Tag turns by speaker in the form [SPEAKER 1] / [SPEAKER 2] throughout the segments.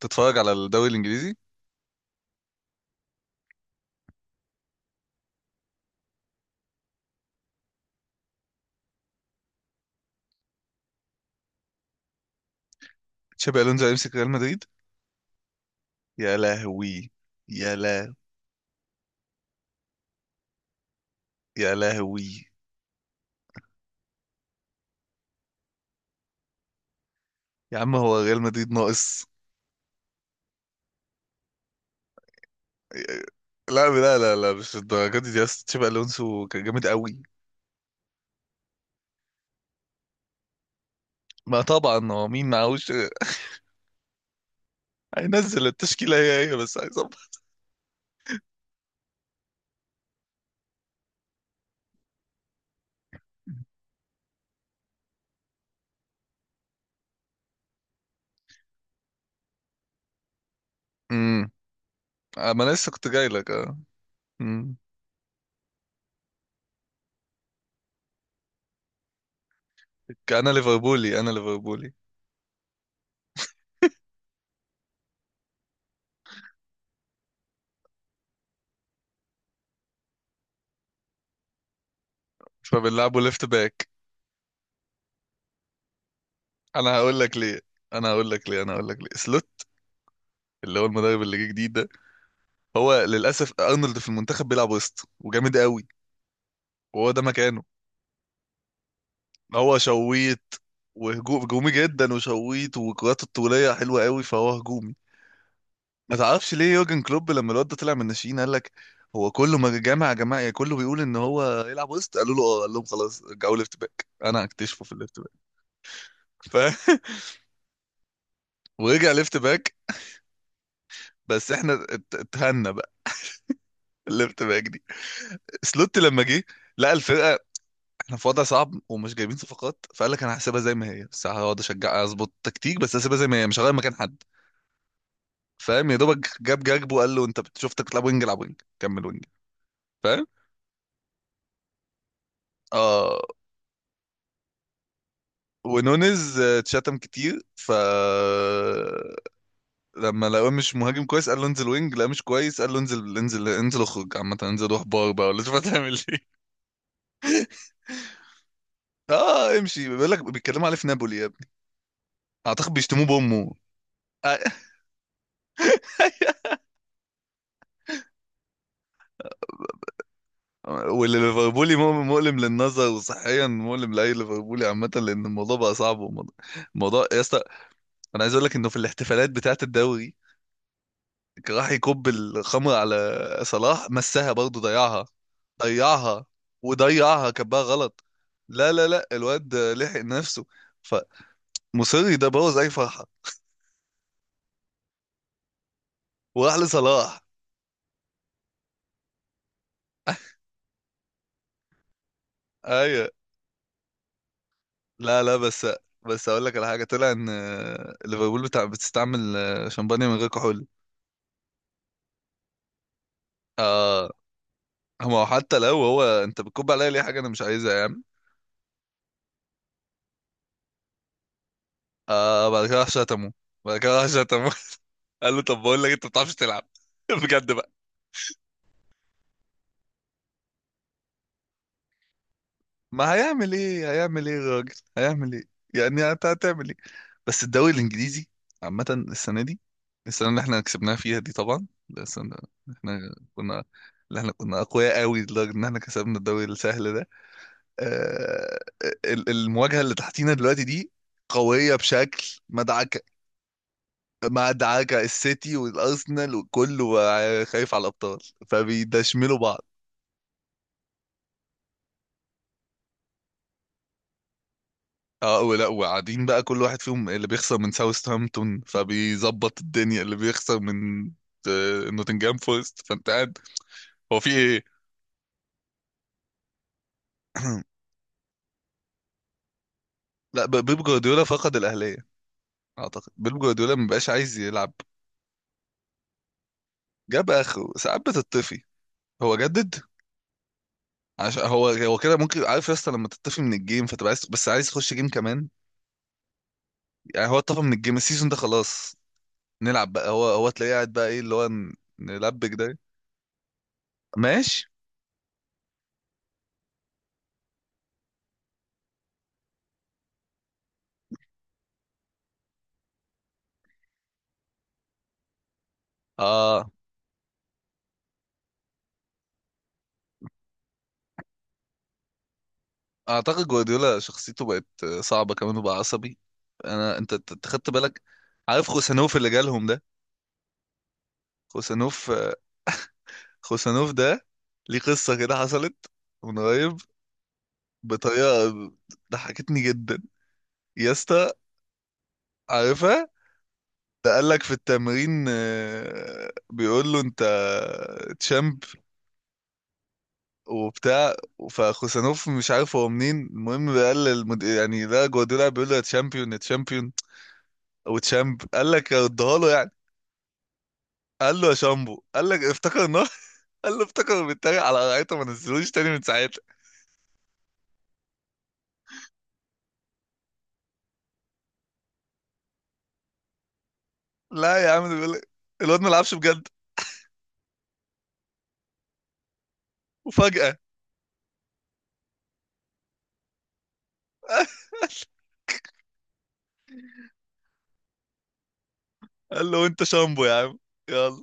[SPEAKER 1] تتفرج على الدوري الانجليزي؟ تشابي الونزو هيمسك ريال مدريد؟ يا لهوي. يا لا. يا لهوي. يا عم، هو ريال مدريد ناقص؟ لا لا لا لا، مش الدرجه دي يا اسطى، تشابي الونسو كان جامد قوي. ما طبعا، هو مين معهوش؟ هينزل التشكيله هي هي، بس عايز أبقى. امم. ما أنا لسه كنت جاي لك، اه. امم. انا ليفربولي، انا ليفربولي. فبنلعبه ليفت باك. انا هقول لك ليه انا هقول لك ليه سلوت، اللي هو المدرب اللي جه جديد ده. هو للاسف ارنولد في المنتخب بيلعب وسط، وجامد قوي، وهو ده مكانه. هو شويت، وهجوم هجومي جدا، وشويت، وكرات الطوليه حلوه قوي، فهو هجومي. ما تعرفش ليه يورجن كلوب لما الواد ده طلع من الناشئين قال لك هو كله ما جامع يا جماعه؟ يعني كله بيقول ان هو يلعب وسط، قالوا له اه، قال لهم خلاص رجعوا ليفت باك، انا هكتشفه في الليفت باك. ف ورجع ليفت باك. بس احنا اتهنا بقى. الليفت باك دي، سلوت لما جه لقى الفرقه احنا في وضع صعب ومش جايبين صفقات، فقال لك انا هسيبها زي ما هي، بس هقعد اشجع اظبط تكتيك، بس هسيبها زي ما هي، مش هغير مكان حد. فاهم يا دوبك؟ جاب جاكبو وقال له انت شفتك بتلعب وينج، العب وينج، كمل وينج. فاهم؟ اه. ونونز اتشتم كتير، ف لما لقوه مش مهاجم كويس، قال له انزل وينج، لا مش كويس، قال له انزل انزل انزل، اخرج عامه، انزل روح بار بقى ولا شوف هتعمل ايه. اه، امشي، بيقول لك بيتكلموا عليه في نابولي يا ابني، اعتقد بيشتموه بامه. آه، واللي ليفربولي مؤلم مؤلم للنظر، وصحيا مؤلم لاي ليفربولي عامه، لان الموضوع بقى صعب، الموضوع يا اسطى، انا عايز اقول لك انه في الاحتفالات بتاعه الدوري، كان راح يكب الخمر على صلاح، مسها برضه، ضيعها. ضيعها. وضيعها، كبها غلط. لا لا لا، الواد لحق نفسه، فمصري ده بوظ اي فرحه. وراح لصلاح، ايوه. لا لا، بس بس اقول لك على حاجه طلع ان ليفربول بتاع بتستعمل شمبانيا من غير كحول. اه، هو حتى لو هو، انت بتكب عليا ليه حاجه انا مش عايزها يا عم؟ آه، بعد كده راح شتمه. بعد كده راح شتمه. قال له طب بقول لك، انت ما بتعرفش تلعب. بجد بقى. ما هيعمل ايه، هيعمل ايه الراجل، هيعمل ايه؟ يعني انت هتعمل ايه؟ بس الدوري الانجليزي عامه السنه دي، السنه اللي احنا كسبناها فيها دي، طبعا ده السنه اللي احنا كنا اللي احنا كنا اقوياء قوي لدرجه ان احنا كسبنا الدوري السهل ده. آه. المواجهه اللي تحتينا دلوقتي دي قويه بشكل مدعك. ما دعاك السيتي والارسنال، وكله بقى خايف على الابطال، فبيدشملوا بعض. اه، ولا وقاعدين بقى، كل واحد فيهم، اللي بيخسر من ساوثهامبتون فبيظبط الدنيا، اللي بيخسر من نوتنجهام فورست، فانت قاعد. هو في ايه؟ لا، بيب جوارديولا فقد الاهليه. اعتقد بيب جوارديولا ما بقاش عايز يلعب. جاب اخره، ساعات بتطفي. هو جدد عشان هو كده ممكن، عارف يا اسطى، لما تطفي من الجيم فتبقى عايز، بس عايز تخش جيم كمان. يعني هو اتطفى من الجيم السيزون ده، خلاص نلعب بقى، هو تلاقيه قاعد بقى، ايه اللي هو نلبك ده؟ ماشي. اه. اعتقد جوارديولا شخصيته بقت صعبة كمان، وبقى عصبي. انا، أنت خدت بالك؟ عارف خوسانوف اللي جالهم ده؟ خوسانوف، خوسانوف ده، ليه قصة كده حصلت من قريب، بطريقة ضحكتني جدا يا اسطى؟ عارفها؟ ده قال لك في التمرين بيقول له انت تشامب وبتاع، فخوسانوف مش عارف هو منين، المهم قال يعني ده جوارديولا بيقول له يا تشامبيون يا تشامبيون، او تشامب، قال لك اديها له يعني. قال له يا شامبو، قال لك افتكر ان هو، قال له افتكر بيتريق على قرايته، ما نزلوش تاني من ساعتها. لا يا عم، ده بيقول لك الواد ما لعبش بجد. وفجأة، قال له انت شامبو يا عم. يلا.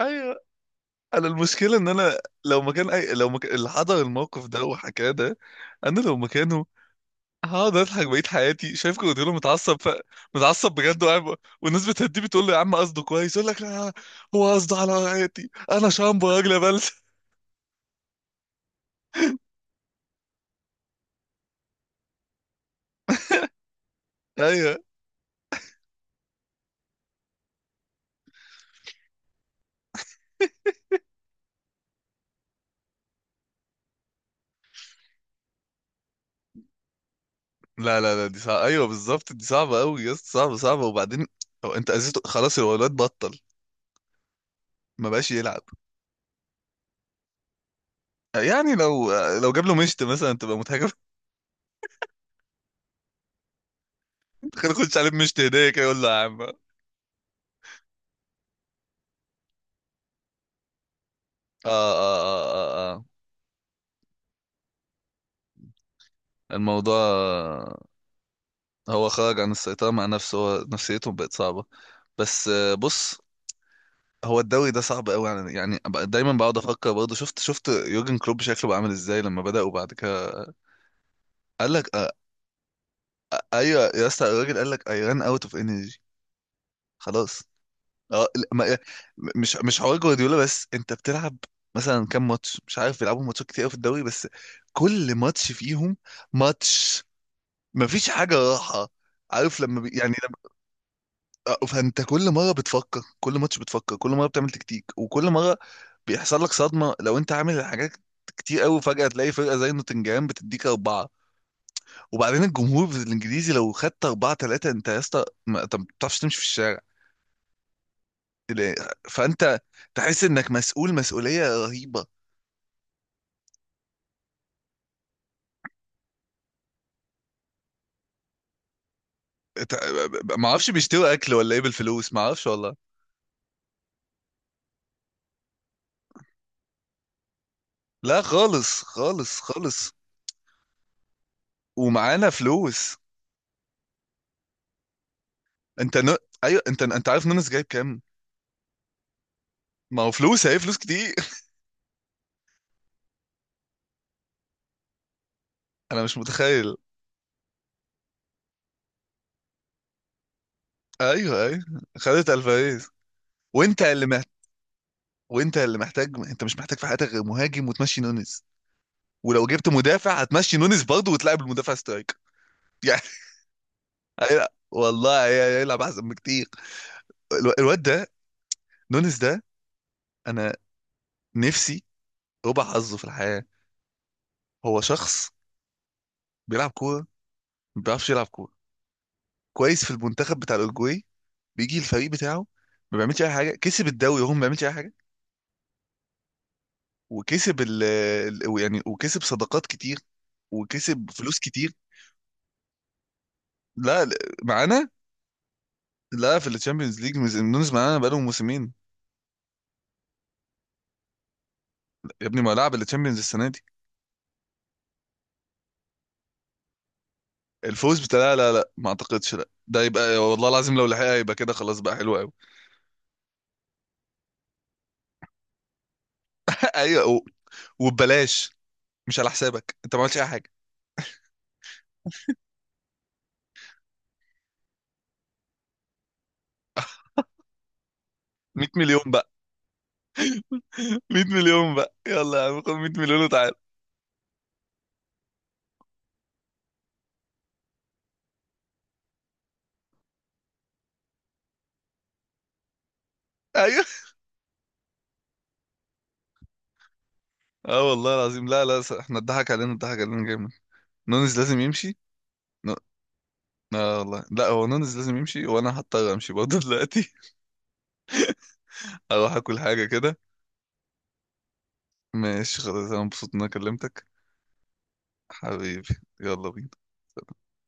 [SPEAKER 1] ايوه. انا المشكلة ان انا لو مكان اللي حضر الموقف ده وحكاه ده، انا لو مكانه هقعد اضحك بقيت حياتي. شايف كروتيلو متعصب، متعصب بجد، وقاعد والناس بتهديه، بتقول له يا عم قصده كويس، يقول لك لا، هو قصده، على حياتي انا شامبو يا راجل يا بلد. ايوه. لا لا لا، دي صعبة، ايوه بالظبط، دي صعبة قوي يا اسطى، صعبة صعبة. وبعدين هو انت اذيته خلاص، هو الواد بطل، ما بقاش يلعب. يعني لو لو جاب له مشت مثلا تبقى مضحكة. تخيل يخش عليه مشت هدية كده، يقول له يا عم. اه. اه اه اه. اه. الموضوع، هو خرج عن السيطرة مع نفسه، هو نفسيته بقت صعبة. بس بص، هو الدوري ده صعب قوي، يعني أبقى دايما بقعد افكر برضه، شفت يورجن كلوب شكله بقى عامل ازاي لما بدأ وبعد كده، قال لك آه. ايوه يا اسطى، الراجل قال لك اي ران اوت اوف انرجي. خلاص. اه، لا، ما، مش حوار جوارديولا، بس انت بتلعب مثلا كام ماتش، مش عارف بيلعبوا ماتشات كتير قوي في الدوري، بس كل ماتش فيهم ماتش، مفيش حاجة راحة. عارف لما يعني، فانت كل مره بتفكر، كل ماتش بتفكر، كل مره بتعمل تكتيك، وكل مره بيحصل لك صدمه لو انت عامل حاجات كتير قوي، فجاه تلاقي فرقه زي نوتنجهام بتديك اربعه. وبعدين الجمهور الانجليزي، لو خدت اربعه ثلاثه انت يا اسطى، ما انت ما بتعرفش تمشي في الشارع. لا، فانت تحس انك مسؤول مسؤوليه رهيبه. ت- ما اعرفش بيشتروا اكل ولا ايه بالفلوس، ما اعرفش والله. لا خالص خالص خالص. ومعانا فلوس. انت ن... ايوه، انت عارف نونس جايب كام؟ ما هو فلوس، هي فلوس كتير. انا مش متخيل. ايوه ايوه. خدت الفاريز. وانت اللي محت... وانت اللي محتاج، انت مش محتاج في حياتك غير مهاجم، وتمشي نونيز، ولو جبت مدافع هتمشي نونيز برضه، وتلعب المدافع سترايك. يعني، والله، هيلعب احسن بكتير. الواد ده، نونيز ده، انا نفسي ربع حظه في الحياه. هو شخص بيلعب كوره، ما بيعرفش يلعب كوره كويس، في المنتخب بتاع الاورجواي بيجي الفريق بتاعه ما بيعملش اي حاجه، كسب الدوري وهو ما بيعملش اي حاجه، وكسب يعني وكسب صداقات كتير، وكسب فلوس كتير. لا لا، معانا. لا، في الشامبيونز ليج نونز معانا بقالهم موسمين. يا ابني ما لعب الشامبيونز السنه دي. الفوز بتاع لا لا لا، ما اعتقدش، لا، ده يبقى والله العظيم لو لحقها يبقى كده خلاص، بقى حلو قوي. ايوه، وببلاش، مش على حسابك، انت ما عملتش اي حاجه. 100 مليون بقى. 100 مليون بقى، يلا يا عم خد 100 مليون وتعال. ايوه. اه والله العظيم، لا لا، احنا اتضحك علينا، اتضحك علينا جامد. نونز لازم يمشي. ن- اه والله، لا، هو نونز لازم يمشي، وانا هضطر امشي برضه دلوقتي. اروح اكل حاجه كده. ماشي، خلاص، انا مبسوط ان انا كلمتك. حبيبي. يلا بينا.